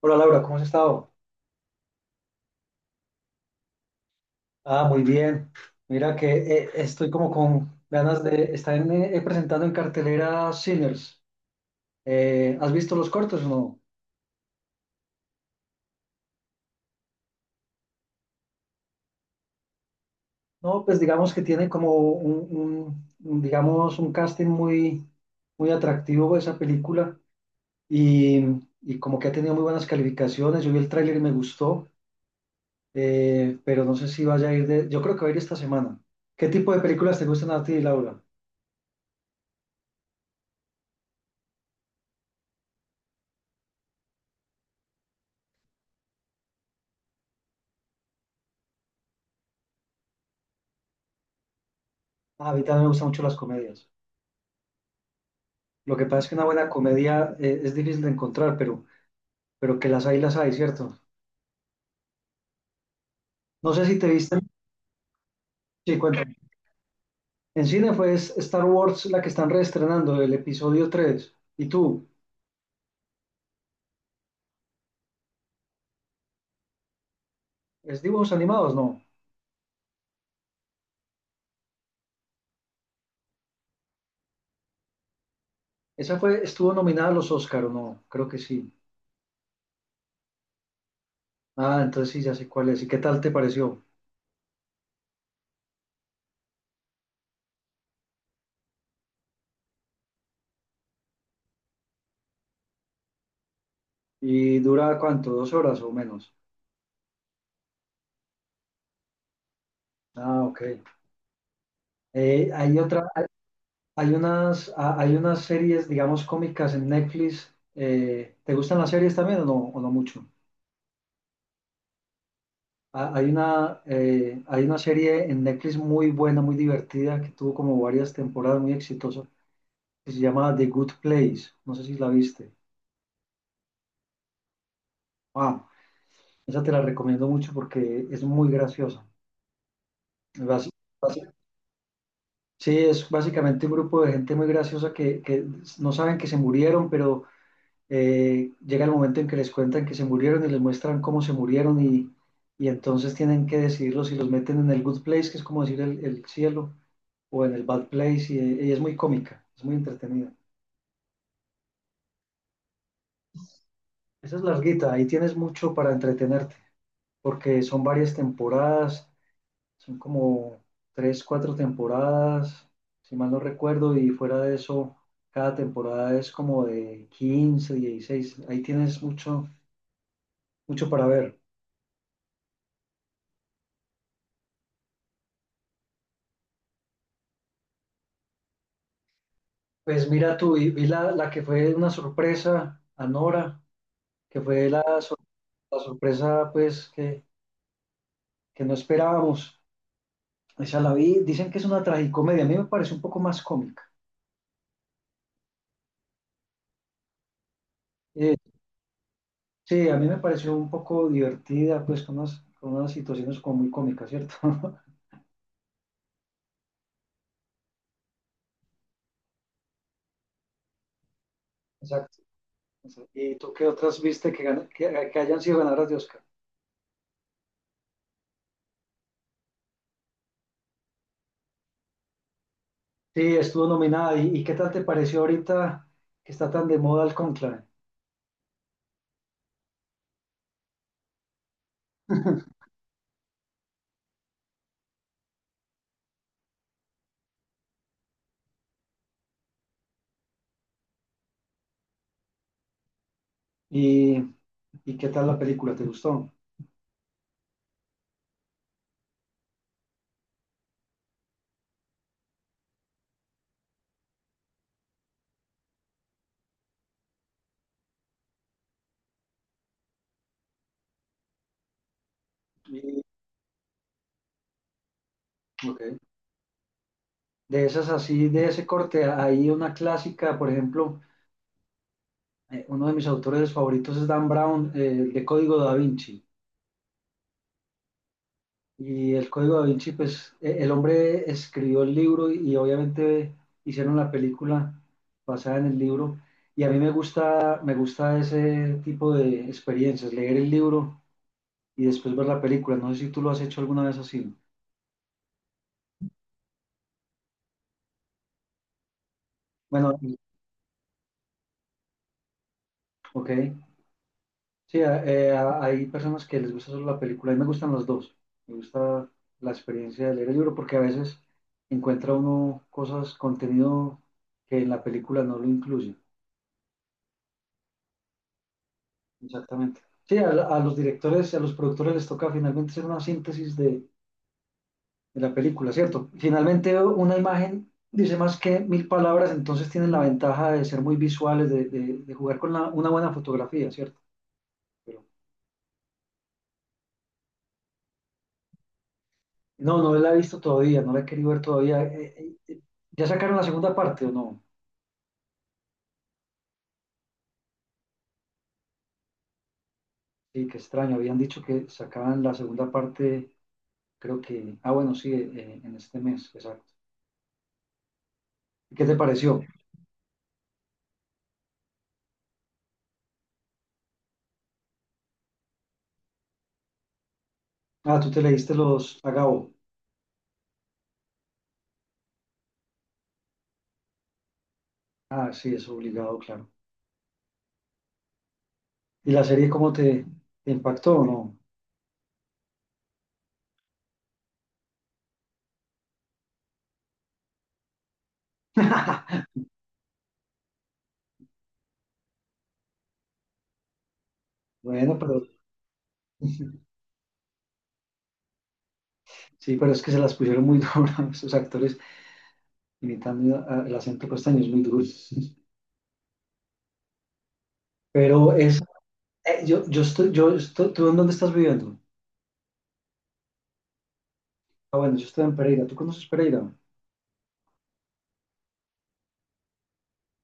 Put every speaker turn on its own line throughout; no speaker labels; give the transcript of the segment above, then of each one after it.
Hola Laura, ¿cómo has estado? Ah, muy bien. Mira que estoy como con ganas de estar presentando en cartelera Sinners. ¿Has visto los cortos o no? No, pues digamos que tiene como digamos, un casting muy, muy atractivo esa película y, y como que ha tenido muy buenas calificaciones. Yo vi el tráiler y me gustó, pero no sé si vaya a ir. Yo creo que va a ir esta semana. ¿Qué tipo de películas te gustan a ti, Laura? Ah, a mí también me gustan mucho las comedias. Lo que pasa es que una buena comedia es difícil de encontrar, pero que las hay, ¿cierto? No sé si te viste. Sí, cuéntame. En cine fue Star Wars la que están reestrenando, el episodio 3. ¿Y tú? ¿Es dibujos animados? No. Estuvo nominada a los Oscar, ¿o no? Creo que sí. Ah, entonces sí, ya sé cuál es. ¿Y qué tal te pareció? ¿Y dura cuánto? ¿2 horas o menos? Ah, ok. Hay hay unas series, digamos, cómicas en Netflix. ¿Te gustan las series también o no mucho? Hay una serie en Netflix muy buena, muy divertida, que tuvo como varias temporadas muy exitosa, que se llama The Good Place. No sé si la viste. Wow, esa te la recomiendo mucho porque es muy graciosa. Bas- bas- Sí, es básicamente un grupo de gente muy graciosa que no saben que se murieron, pero llega el momento en que les cuentan que se murieron y les muestran cómo se murieron y entonces tienen que decidirlo si los meten en el Good Place, que es como decir el cielo o en el Bad Place y es muy cómica, es muy entretenida. Esa es larguita, ahí tienes mucho para entretenerte, porque son varias temporadas, son como tres, cuatro temporadas, si mal no recuerdo, y fuera de eso, cada temporada es como de 15, 16, ahí tienes mucho, mucho para ver. Pues mira tú, y vi la que fue una sorpresa Anora, que fue la sorpresa pues que no esperábamos. Esa la vi, dicen que es una tragicomedia, a mí me parece un poco más cómica. Eh, sí, a mí me pareció un poco divertida, pues con unas situaciones como muy cómicas, ¿cierto? Exacto. ¿Y tú qué otras viste que hayan sido ganadoras de Oscar? Sí, estuvo nominada. ¿Y, qué tal te pareció ahorita que está tan de moda el conclave? ¿Y, qué tal la película? ¿Te gustó? Y- ok. De esas así, de ese corte, hay una clásica, por ejemplo. Uno de mis autores favoritos es Dan Brown, el de Código da Vinci. Y el Código da Vinci, pues el hombre escribió el libro y obviamente hicieron la película basada en el libro. Y a mí me gusta ese tipo de experiencias, leer el libro y después ver la película. No sé si tú lo has hecho alguna vez así, ¿no? Bueno, ok. Sí, hay personas que les gusta solo la película. A mí me gustan los dos. Me gusta la experiencia de leer el libro porque a veces encuentra uno cosas, contenido que en la película no lo incluye. Exactamente. Sí, a los directores y a los productores les toca finalmente hacer una síntesis de la película, ¿cierto? Finalmente una imagen dice más que mil palabras, entonces tienen la ventaja de ser muy visuales, de jugar con una buena fotografía, ¿cierto? Pero No, no la he visto todavía, no la he querido ver todavía. ¿Ya sacaron la segunda parte o no? Sí, qué extraño. Habían dicho que sacaban la segunda parte, creo que. Ah, bueno, sí, en este mes, exacto. ¿Y qué te pareció? Ah, tú te leíste los Agao. Ah, sí, es obligado, claro. ¿Y la serie cómo te impactó o no? Bueno, pero sí, pero es que se las pusieron muy duras, esos actores imitando el acento costeño es muy duro. Pero es, yo, ¿Tú en dónde estás viviendo? Ah, bueno, yo estoy en Pereira. ¿Tú conoces Pereira?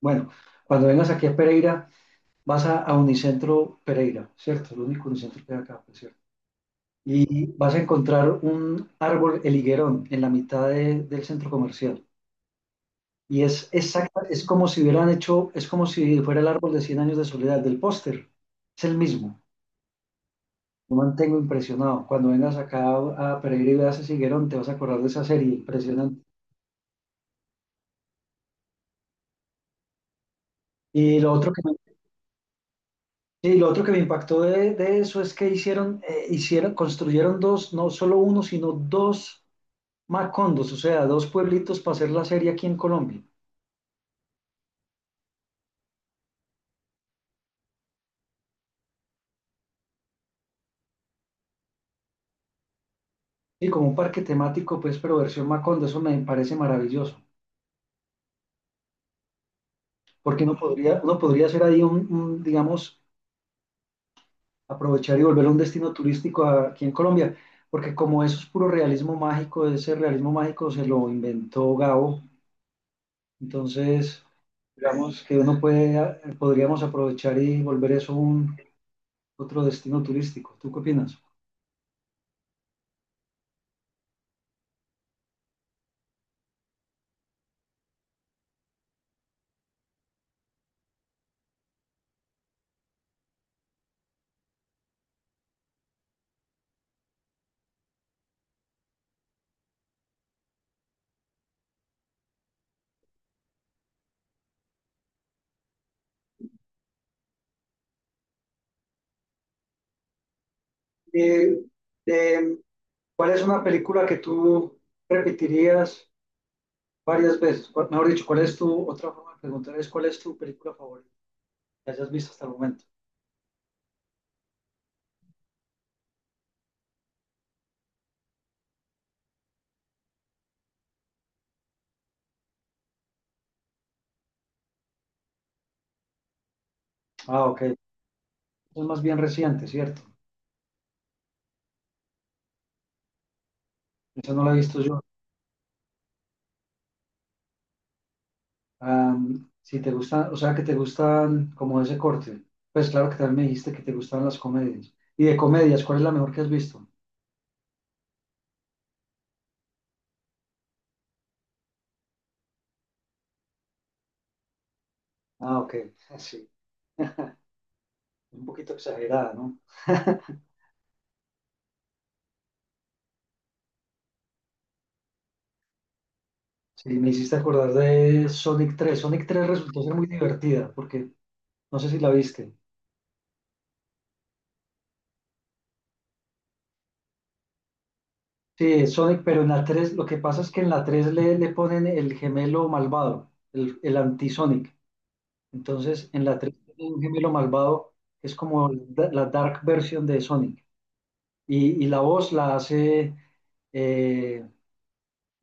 Bueno, cuando vengas aquí a Pereira, vas a Unicentro Pereira, ¿cierto? El único Unicentro que hay acá, pues, ¿cierto? Y vas a encontrar un árbol, el higuerón, en la mitad del centro comercial. Y es exacta, es como si hubieran hecho, es como si fuera el árbol de Cien Años de Soledad del póster. Es el mismo. Lo mantengo impresionado. Cuando vengas acá a Pereira y veas ese higuerón, te vas a acordar de esa serie, impresionante. Y lo otro que Sí, lo otro que me impactó de eso es que construyeron dos, no solo uno, sino dos Macondos, o sea, dos pueblitos para hacer la serie aquí en Colombia. Y como un parque temático, pues, pero versión Macondo, eso me parece maravilloso, porque uno podría hacer ahí digamos, aprovechar y volver un destino turístico aquí en Colombia, porque como eso es puro realismo mágico, ese realismo mágico se lo inventó Gabo, entonces, digamos que podríamos aprovechar y volver eso un otro destino turístico. ¿Tú qué opinas? Y, eh, ¿cuál es una película que tú repetirías varias veces? Mejor dicho, ¿cuál es otra forma de preguntar es cuál es tu película favorita que hayas visto hasta el momento? Ah, ok. Es más bien reciente, ¿cierto? Esa no la he visto yo. Si te gustan, o sea, que te gustan como ese corte. Pues claro que también me dijiste que te gustan las comedias. Y de comedias, ¿cuál es la mejor que has visto? Ah, ok. Sí, un poquito exagerada, ¿no? Sí, me hiciste acordar de Sonic 3. Sonic 3 resultó ser muy divertida porque no sé si la viste. Sí, es Sonic, pero en la 3 lo que pasa es que en la 3 le ponen el gemelo malvado, el anti-Sonic. Entonces, en la 3 tiene un gemelo malvado que es como la dark version de Sonic. Y la voz la hace eh,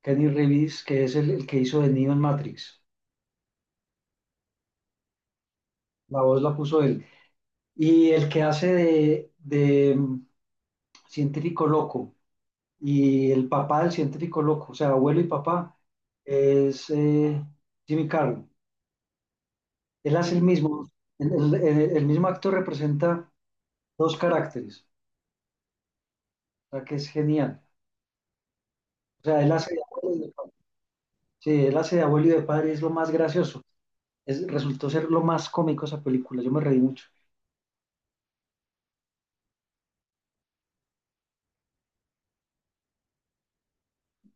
Kenny Reeves, que es el que hizo de Neo en Matrix. La voz la puso él. Y el que hace de científico loco. Y el papá del científico loco, o sea, abuelo y papá, es Jimmy Carroll. Él hace el mismo, el mismo actor representa dos caracteres, o sea, que es genial. O sea, él hace de abuelo y de papá. Sí, él hace de abuelo y de padre, y es lo más gracioso. Resultó ser lo más cómico esa película, yo me reí mucho.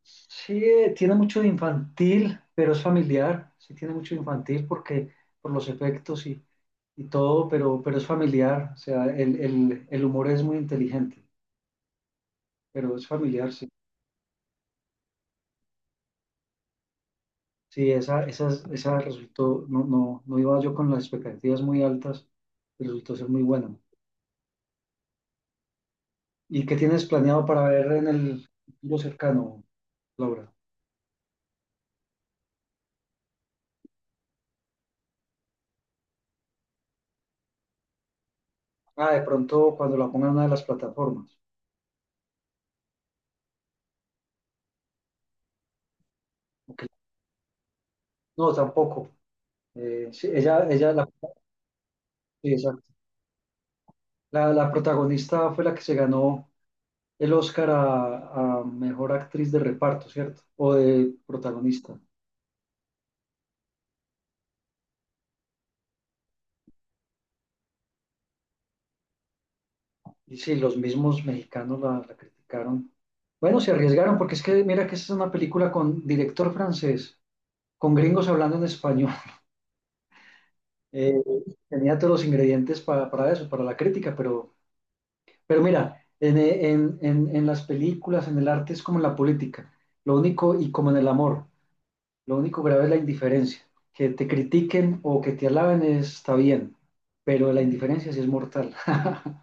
Sí, tiene mucho de infantil, pero es familiar. Sí, tiene mucho de infantil porque por los efectos y todo, pero, es familiar. O sea, el humor es muy inteligente, pero es familiar, sí. Sí, esa resultó, no, no, no iba yo con las expectativas muy altas, pero resultó ser muy buena. ¿Y qué tienes planeado para ver en el futuro cercano, Laura? Ah, de pronto cuando la pongan en una de las plataformas. Ok. No, tampoco. Sí, ella la, sí, esa- La protagonista fue la que se ganó el Oscar a mejor actriz de reparto, ¿cierto? O de protagonista. Y sí, los mismos mexicanos la criticaron. Bueno, se arriesgaron porque es que mira que esta es una película con director francés, con gringos hablando en español. Eh, Tenía todos los ingredientes para eso, para la crítica, pero, mira, en las películas, en el arte es como en la política, lo único y como en el amor. Lo único grave es la indiferencia. Que te critiquen o que te alaben está bien, pero la indiferencia sí es mortal.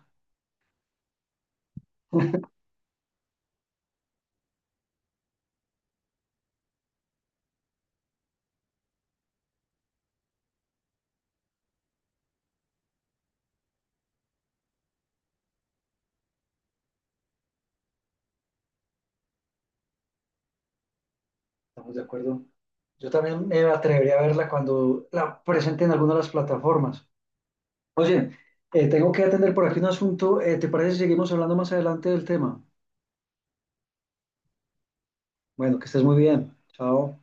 Estamos de acuerdo. Yo también me atrevería a verla cuando la presenten en alguna de las plataformas. Oye, tengo que atender por aquí un asunto. ¿Te parece si seguimos hablando más adelante del tema? Bueno, que estés muy bien. Chao.